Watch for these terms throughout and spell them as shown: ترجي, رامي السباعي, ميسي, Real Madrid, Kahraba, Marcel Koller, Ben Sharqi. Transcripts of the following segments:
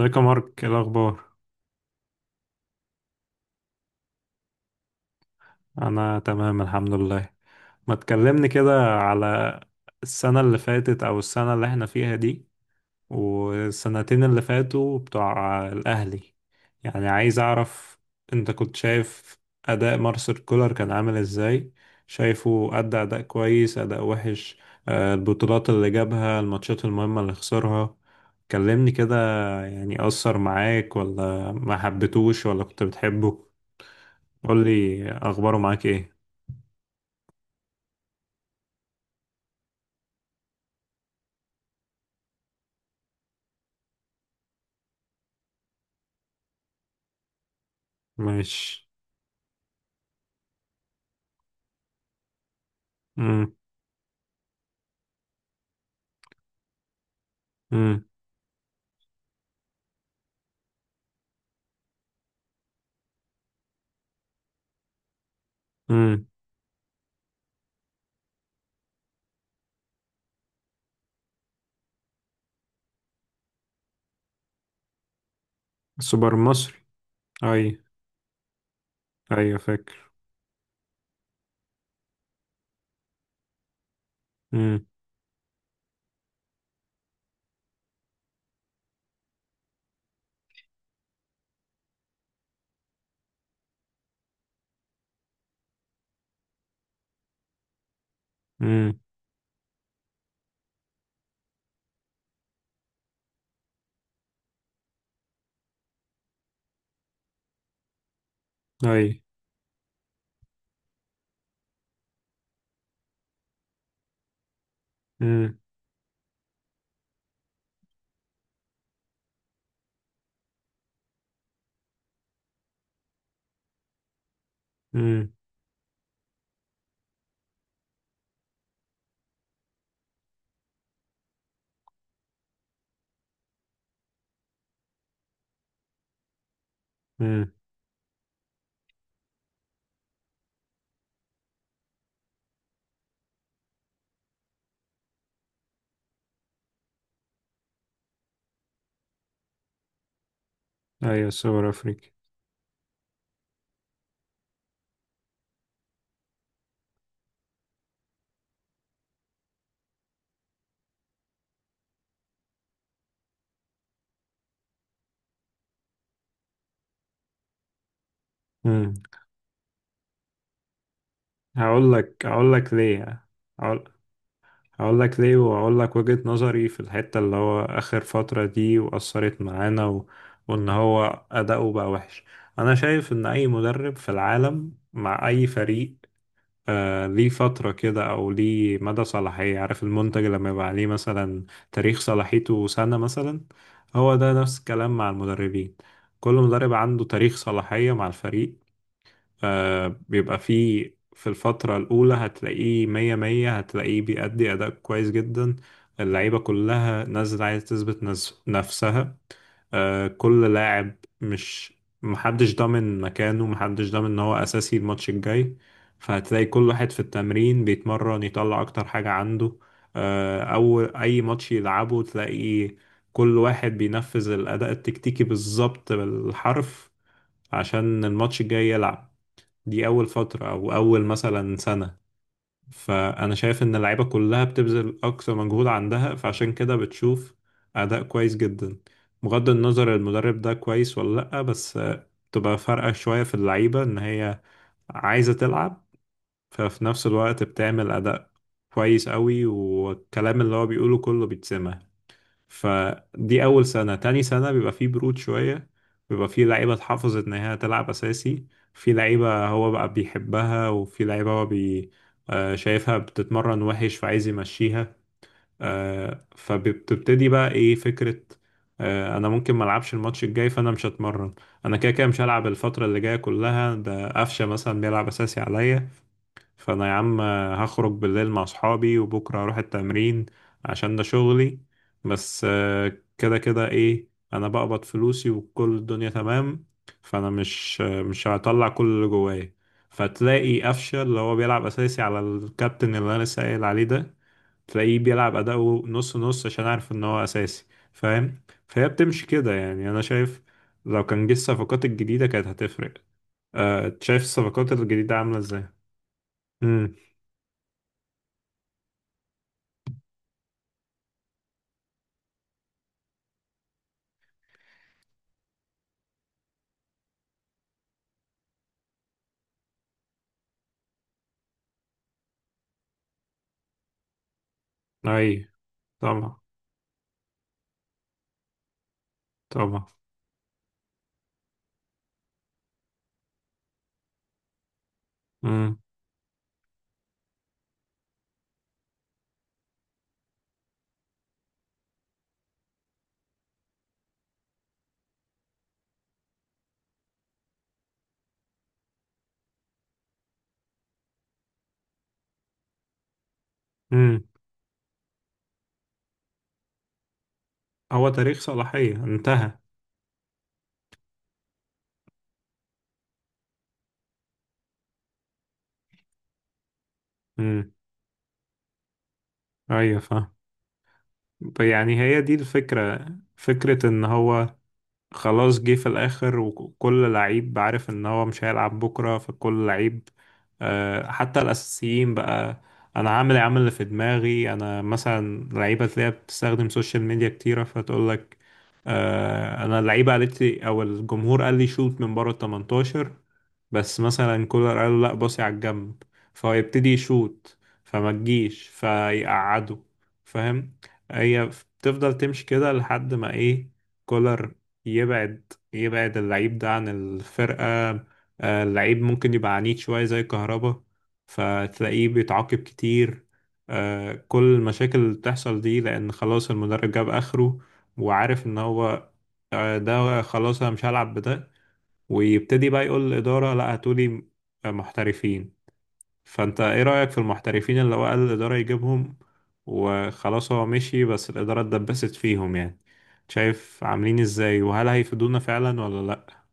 ازيك يا مارك، ايه الاخبار؟ انا تمام الحمد لله. ما تكلمني كده على السنة اللي فاتت او السنة اللي احنا فيها دي والسنتين اللي فاتوا بتوع الاهلي. يعني عايز اعرف، انت كنت شايف اداء مارسيل كولر كان عامل ازاي؟ شايفه ادى اداء كويس اداء وحش؟ البطولات اللي جابها، الماتشات المهمة اللي خسرها، كلمني كده. يعني اثر معاك، ولا ما حبيتوش، ولا كنت بتحبه؟ قول لي اخباره معاك ايه. ماشي. امم. امم. امم. سوبر مصري؟ اي. ايوه، فاكر. امم. امم. اي. امم. امم. امم. ايوه، سوبر افريقي. امم. هقول لك ليه. هقول هقول لك ليه، وهقول لك وجهة نظري في الحتة اللي هو اخر فترة دي واثرت معانا. وان هو اداؤه بقى وحش. انا شايف ان اي مدرب في العالم مع اي فريق، ليه فترة كده، أو ليه مدى صلاحية، عارف المنتج لما يبقى عليه مثلا تاريخ صلاحيته سنة مثلا. هو ده نفس الكلام مع المدربين، كل مدرب عنده تاريخ صلاحية مع الفريق. بيبقى فيه في الفترة الأولى هتلاقيه مية مية، هتلاقيه بيأدي أداء كويس جدا. اللعيبة كلها نازلة عايزة تثبت نفسها. كل لاعب، مش محدش ضامن مكانه، محدش ضامن إن هو أساسي الماتش الجاي. فهتلاقي كل واحد في التمرين بيتمرن يطلع أكتر حاجة عنده. أو أي ماتش يلعبه تلاقي كل واحد بينفذ الأداء التكتيكي بالظبط بالحرف عشان الماتش الجاي يلعب. دي أول فترة أو أول مثلا سنة. فأنا شايف إن اللعيبة كلها بتبذل أقصى مجهود عندها، فعشان كده بتشوف أداء كويس جدا. بغض النظر المدرب ده كويس ولا لأ، بس تبقى فارقة شوية في اللعيبة إن هي عايزة تلعب. ففي نفس الوقت بتعمل أداء كويس قوي، والكلام اللي هو بيقوله كله بيتسمع. فدي أول سنة. تاني سنة بيبقى فيه برود شوية، بيبقى فيه لعيبة اتحفظت إن هي تلعب أساسي. في لعيبة هو بقى بيحبها، وفي لعيبة هو بي آه، شايفها بتتمرن وحش فعايز يمشيها. فبتبتدي بقى إيه فكرة، أنا ممكن ملعبش الماتش الجاي فأنا مش هتمرن. أنا كده كده مش هلعب الفترة اللي جاية كلها، ده قفشة مثلا بيلعب أساسي عليا. فانا يا عم هخرج بالليل مع اصحابي، وبكره هروح التمرين عشان ده شغلي. بس كده كده ايه، انا بقبض فلوسي وكل الدنيا تمام. فانا مش هطلع كل اللي جوايا. فتلاقي قفشه اللي هو بيلعب اساسي على الكابتن اللي انا لسه قايل عليه ده، تلاقيه بيلعب اداؤه نص نص عشان عارف ان هو اساسي. فاهم؟ فهي بتمشي كده يعني. انا شايف لو كان جه الصفقات الجديده كانت هتفرق. شايف الصفقات الجديده عامله ازاي؟ امم. اي. طبعا، طبعا. امم. امم. هو تاريخ صلاحية انتهى. امم. ايوه، فاهم. يعني هي دي الفكرة، فكرة ان هو خلاص جه في الآخر، وكل لعيب عارف إن هو مش هيلعب بكرة، فكل لعيب، حتى الأساسيين بقى. أنا عامل يا عم اللي في دماغي، أنا مثلا لعيبة تلاقيها بتستخدم سوشيال ميديا كتيرة، فتقولك أنا اللعيبة قالت لي أو الجمهور قال لي شوت من بره ال 18، بس مثلا كولر قال له لأ، باصي على الجنب. فهو يبتدي يشوت، فما تجيش فيقعده. فاهم؟ هي بتفضل تمشي كده لحد ما إيه، كولر يبعد اللعيب ده عن الفرقة. اللعيب ممكن يبقى عنيد شوية زي كهربا، فتلاقيه بيتعاقب كتير. كل المشاكل اللي بتحصل دي لأن خلاص المدرب جاب آخره وعارف إن هو ده خلاص أنا مش هلعب بده. ويبتدي بقى يقول للإدارة لا، هاتولي محترفين. فانت ايه رأيك في المحترفين اللي هو قال الإدارة يجيبهم، وخلاص هو مشي بس الإدارة اتدبست فيهم يعني؟ شايف عاملين ازاي، وهل هيفيدونا فعلا ولا لأ؟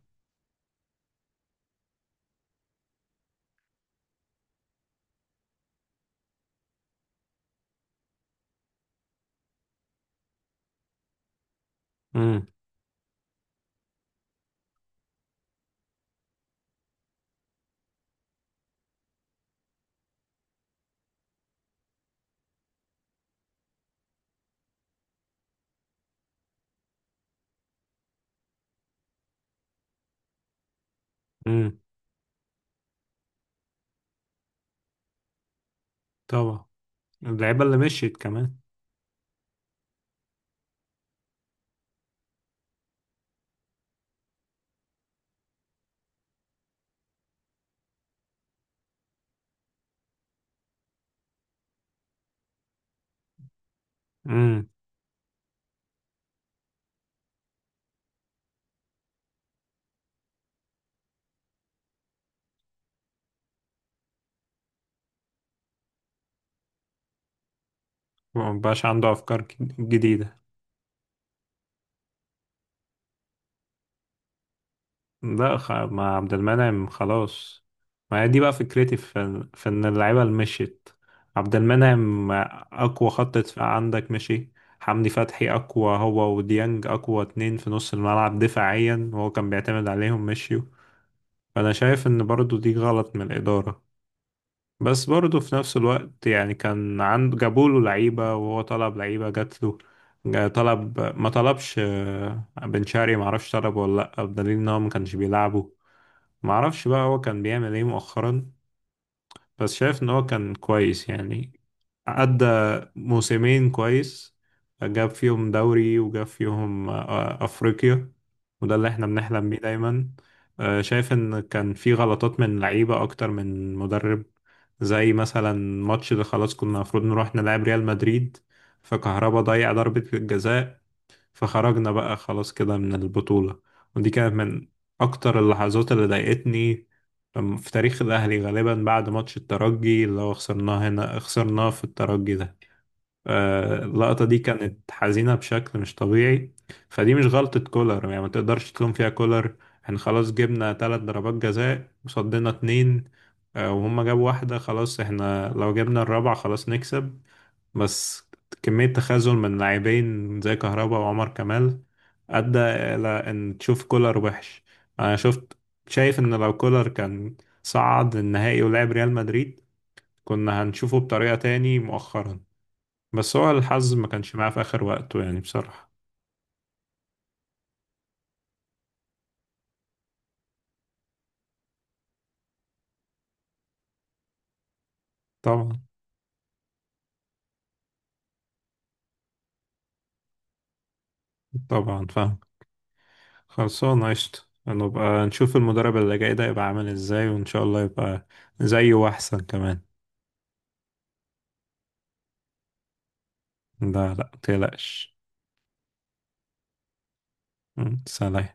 امم. امم. طبعا اللعيبة اللي مشيت كمان. امم. مبقاش عنده أفكار جديدة. لا، ما عبد المنعم خلاص. ما هي دي بقى فكرتي في ان اللعيبه اللي مشيت. عبد المنعم اقوى خط دفاع عندك مشي، حمدي فتحي اقوى هو وديانج اقوى اتنين في نص الملعب دفاعيا وهو كان بيعتمد عليهم، مشيوا. فانا شايف ان برضو دي غلط من الاداره. بس برضو في نفس الوقت يعني كان عنده، جابوله لعيبه وهو طلب لعيبه جات له. طلب ما طلبش بن شرقي، معرفش طلبه ولا لا، بدليل ان هو ما كانش بيلعبه. معرفش بقى هو كان بيعمل ايه مؤخرا. بس شايف ان هو كان كويس يعني، أدى موسمين كويس، جاب فيهم دوري وجاب فيهم أفريقيا، وده اللي احنا بنحلم بيه دايما. شايف ان كان في غلطات من لعيبة أكتر من مدرب، زي مثلا ماتش اللي خلاص كنا المفروض نروح نلعب ريال مدريد، فكهربا ضيع ضربة الجزاء، فخرجنا بقى خلاص كده من البطولة. ودي كانت من أكتر اللحظات اللي ضايقتني في تاريخ الأهلي، غالبا بعد ماتش الترجي اللي هو خسرناه هنا، خسرناه في الترجي ده. اللقطة دي كانت حزينة بشكل مش طبيعي. فدي مش غلطة كولر يعني، ما تقدرش تلوم فيها كولر. احنا خلاص جبنا 3 ضربات جزاء وصدنا اتنين، وهم جابوا واحدة، خلاص احنا لو جبنا الرابعة خلاص نكسب. بس كمية تخاذل من لاعبين زي كهربا وعمر كمال أدى إلى إن تشوف كولر وحش. أنا شفت، شايف إن لو كولر كان صعد النهائي ولعب ريال مدريد، كنا هنشوفه بطريقة تاني مؤخرا. بس هو الحظ ما كانش معاه في آخر وقته يعني بصراحة. طبعا، طبعا فاهم. خلصانة قشطة. نبقى نشوف المدرب اللي جاي ده يبقى عامل ازاي، وإن شاء الله يبقى زيه وأحسن كمان. لا، لا، متقلقش. سلام.